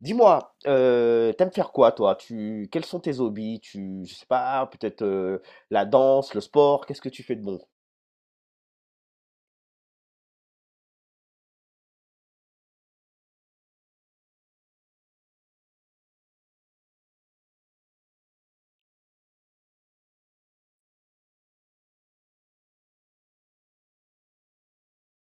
Dis-moi, tu faire quoi toi? Tu Quels sont tes hobbies? Tu Je sais pas, peut-être, la danse, le sport? Qu'est-ce que tu fais de bon?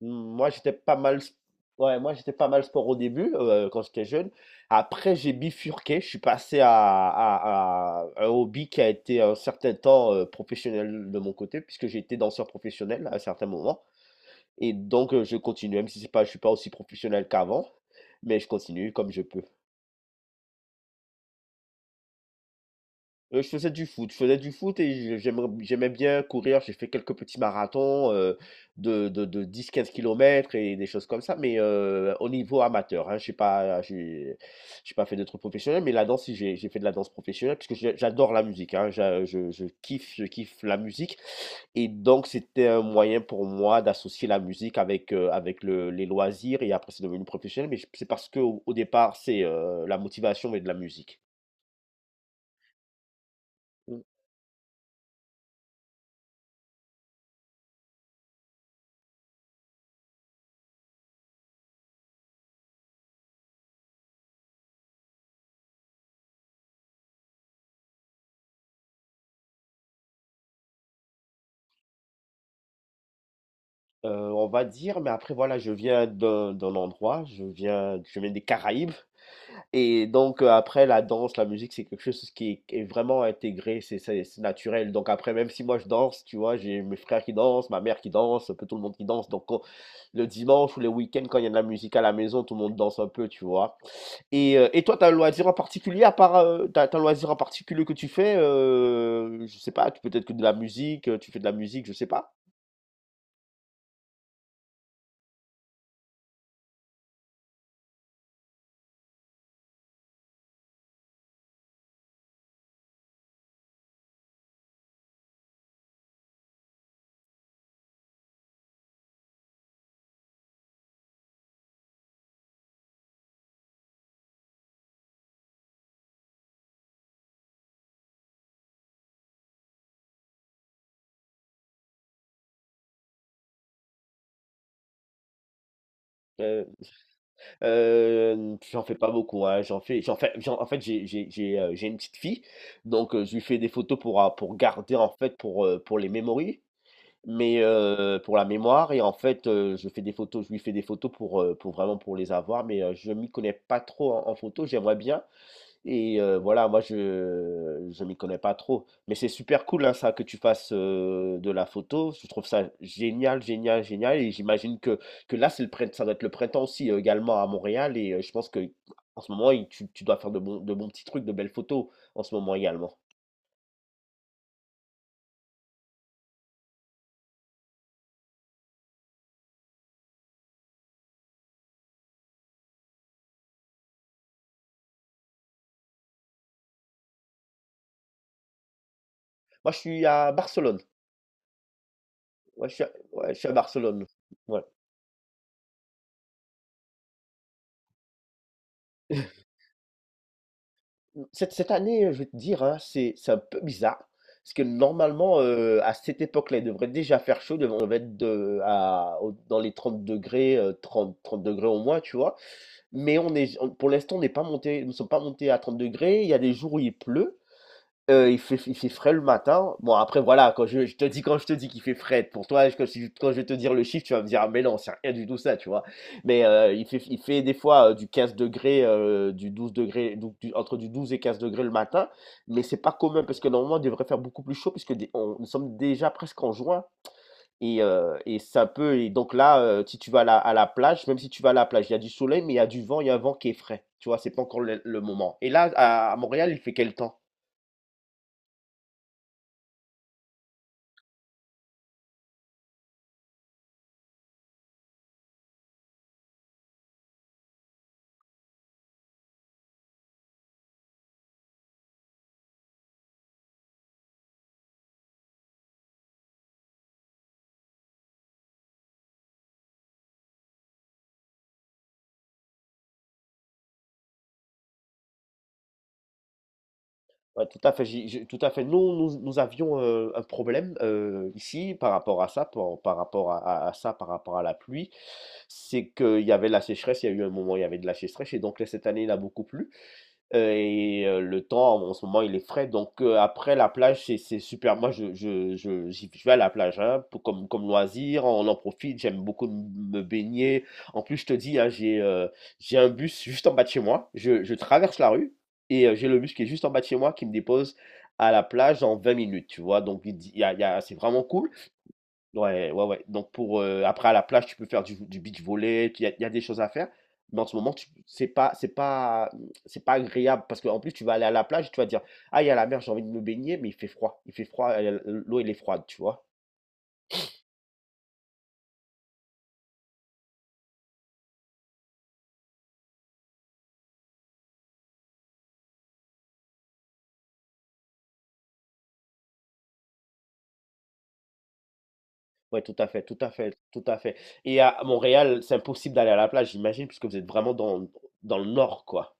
Hmm. Moi, j'étais pas mal s Ouais, moi, j'étais pas mal sport au début, quand j'étais jeune. Après, j'ai bifurqué, je suis passé à un hobby qui a été un certain temps, professionnel de mon côté puisque j'ai été danseur professionnel à un certain moment et donc je continue, même si c'est pas je suis pas aussi professionnel qu'avant, mais je continue comme je peux. Je faisais du foot et je j'aimerais j'aimais bien courir. J'ai fait quelques petits marathons, de 10 15 kilomètres et des choses comme ça, mais au niveau amateur, hein. je J'ai pas j'ai j'ai pas fait de trucs professionnels, mais la danse, si, j'ai fait de la danse professionnelle puisque je j'adore la musique, hein. J'a je kiffe la musique et donc c'était un moyen pour moi d'associer la musique avec le les loisirs et après c'est devenu professionnel, mais c'est parce que au départ, c'est, la motivation et de la musique. Mmh. Heu, on va dire, mais après voilà, je viens d'un endroit, je viens des Caraïbes. Et donc après la danse, la musique, c'est quelque chose qui est vraiment intégré, c'est naturel. Donc après, même si moi je danse, tu vois, j'ai mes frères qui dansent, ma mère qui danse, un peu tout le monde qui danse. Donc le dimanche ou le week-end, quand il y a de la musique à la maison, tout le monde danse un peu, tu vois. Et toi, t'as un loisir en particulier, à part, t'as un loisir en particulier que tu fais, je sais pas, peut-être que de la musique, tu fais de la musique, je sais pas. Euh, j'en fais pas beaucoup, hein, j'en fais j'en en fait, j'ai une petite fille, donc je lui fais des photos pour garder, en fait, pour les memories, mais pour la mémoire et en fait, je lui fais des photos pour vraiment pour les avoir, mais je m'y connais pas trop en photo. J'aimerais bien, et voilà, moi je m'y connais pas trop, mais c'est super cool hein, ça que tu fasses de la photo. Je trouve ça génial, génial, génial. Et j'imagine que là ça doit être le printemps aussi également à Montréal. Et je pense que en ce moment tu dois faire de bons petits trucs, de belles photos en ce moment également. Moi je suis à Barcelone. Ouais, je suis à Barcelone. Ouais. Cette année, je vais te dire, hein, c'est un peu bizarre. Parce que normalement, à cette époque-là, il devrait déjà faire chaud. Devrait On va être de à au dans les 30 degrés, trente 30 °C au moins, tu vois? Mais on est on pour l'instant, on n'est pas monté nous ne sommes pas montés à 30 degrés. Il y a des jours où il pleut. Il fait frais le matin. Bon après voilà, quand je te dis qu'il fait frais, pour toi, quand si quand je vais te dire le chiffre, tu vas me dire: «Ah mais non, c'est rien du tout ça», tu vois? Mais, il fait des fois, du 15°, du 12 degrés donc du 12 et 15 degrés le matin, mais c'est pas commun parce que normalement, il devrait faire beaucoup plus chaud puisque dé on nous sommes déjà presque en juin et ça peut et donc là, si tu vas à la plage, même si tu vas à la plage, il y a du soleil, mais il y a du vent, il y a un vent qui est frais, tu vois? C'est pas encore le moment et là, à Montréal, il fait quel temps? Ouais, tout à fait. Tout à fait. Nous avions un problème ici par rapport à ça, par rapport à ça, par rapport à la pluie. C'est qu'il y avait la sécheresse. Il y a eu un moment, où il y avait de la sécheresse, et donc là, cette année, il a beaucoup plu. Et le temps, en ce moment, il est frais. Donc après la plage, c'est super. Moi, je vais à la plage hein, comme loisir. On en profite. J'aime beaucoup me baigner. En plus, je te dis, hein, j'ai un bus juste en bas de chez moi. Je traverse la rue et j'ai le bus qui est juste en bas de chez moi qui me dépose à la plage en 20 minutes, tu vois? Donc il y a c'est vraiment cool. Ouais, ouais, ouais. Donc après à la plage, tu peux faire du beach volley, il y a des choses à faire. Mais en ce moment, tu c'est pas agréable parce qu'en plus, tu vas aller à la plage, tu vas dire: «Ah, il y a la mer, j'ai envie de me baigner», mais il fait froid. Il fait froid, l'eau, elle est froide, tu vois? Ouais, tout à fait, tout à fait, tout à fait. Et à Montréal, c'est impossible d'aller à la plage, j'imagine, puisque vous êtes vraiment dans le nord, quoi.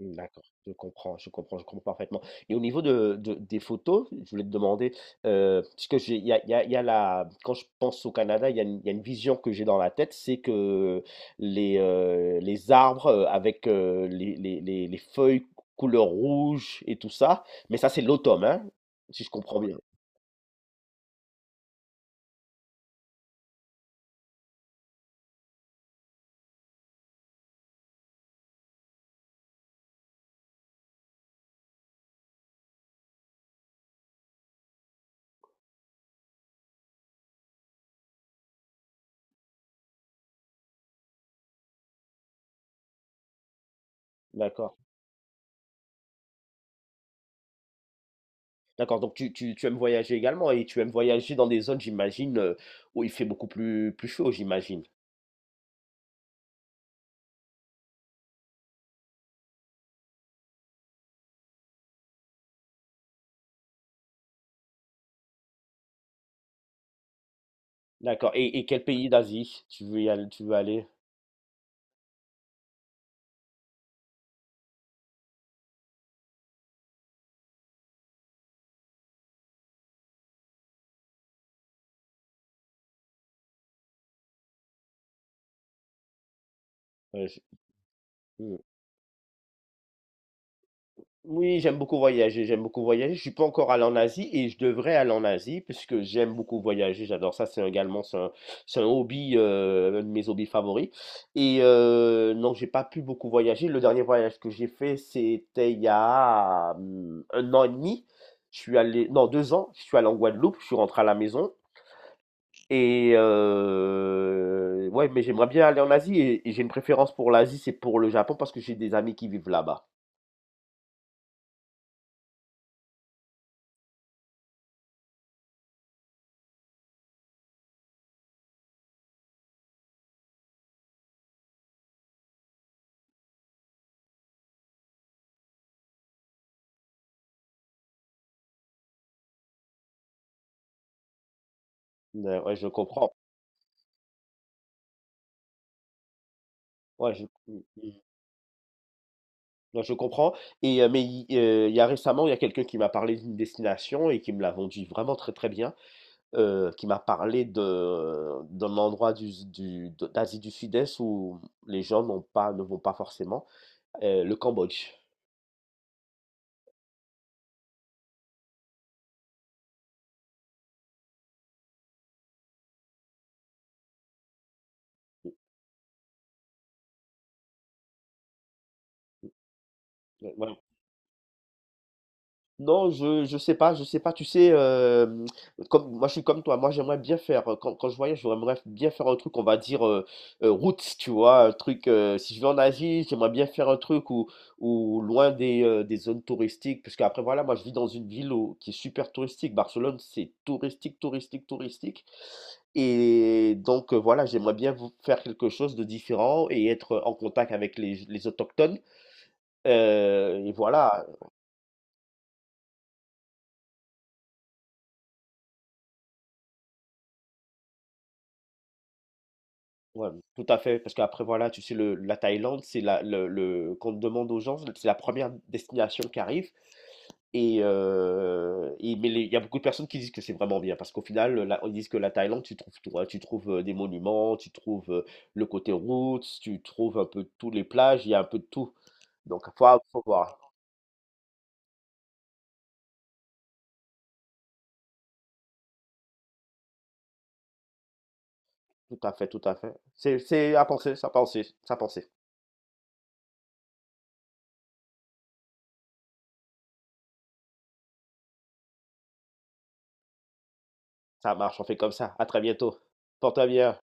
Mmh, d'accord, je comprends, je comprends, je comprends parfaitement et au niveau de des photos, je voulais te demander, parce que j'ai il y a il y a il y a la quand je pense au Canada, il y a une vision que j'ai dans la tête, c'est que les arbres, avec, les feuilles couleur rouge et tout ça, mais ça, c'est l'automne, hein? Si je comprends bien? D'accord, d'accord, donc tu aimes voyager également et tu aimes voyager dans des zones, j'imagine, où il fait beaucoup plus chaud, j'imagine? D'accord et quel pays d'Asie tu veux aller? Ouais, euh, oui, j'aime beaucoup voyager, j'aime beaucoup voyager. Je suis pas encore allé en Asie et je devrais aller en Asie puisque j'aime beaucoup voyager, j'adore ça. C'est un hobby, un de mes hobbies favoris. Et non, j'ai pas pu beaucoup voyager. Le dernier voyage que j'ai fait, c'était il y a un an et demi. Je suis allé, non, 2 ans. Je suis allé en Guadeloupe. Je suis rentré à la maison. Et ouais, mais j'aimerais bien aller en Asie et j'ai une préférence pour l'Asie, c'est pour le Japon parce que j'ai des amis qui vivent là-bas. Ouais, ouais, je comprends. Ouais, mm, mm. Non, je comprends. Et, mais il y a récemment, il y a quelqu'un qui m'a parlé d'une destination et qui me l'a vendu vraiment très très bien, qui m'a parlé d'un endroit d'Asie du Sud-Est où les gens n'ont pas, ne vont pas forcément, le Cambodge. Ouais, voilà. Non, je sais pas, je sais pas. Tu sais, comme moi, je suis comme toi. Moi, j'aimerais bien faire, quand je voyage, j'aimerais bien faire un truc, on va dire, roots, tu vois? Un truc, si je vais en Asie, j'aimerais bien faire un truc où loin des zones touristiques. Puisqu'après, voilà, moi, je vis dans une ville où qui est super touristique. Barcelone, c'est touristique, touristique, touristique et donc voilà, j'aimerais bien vou faire quelque chose de différent et être en contact avec les autochtones, et voilà. Ouais, tout à fait, parce qu'après voilà, tu sais le la Thaïlande, c'est la le qu'on demande aux gens, c'est la première destination qui arrive et mais les il y a beaucoup de personnes qui disent que c'est vraiment bien parce qu'au final, la ils disent que la Thaïlande, tu trouves tout, hein. Tu trouves, des monuments, tu trouves, le côté roots, tu trouves un peu tous les plages, il y a un peu de tout. Donc faut voir. Tout à fait, tout à fait. C'est à penser, ça penser, ça penser. Ça marche, on fait comme ça. À très bientôt. Porte-toi bien.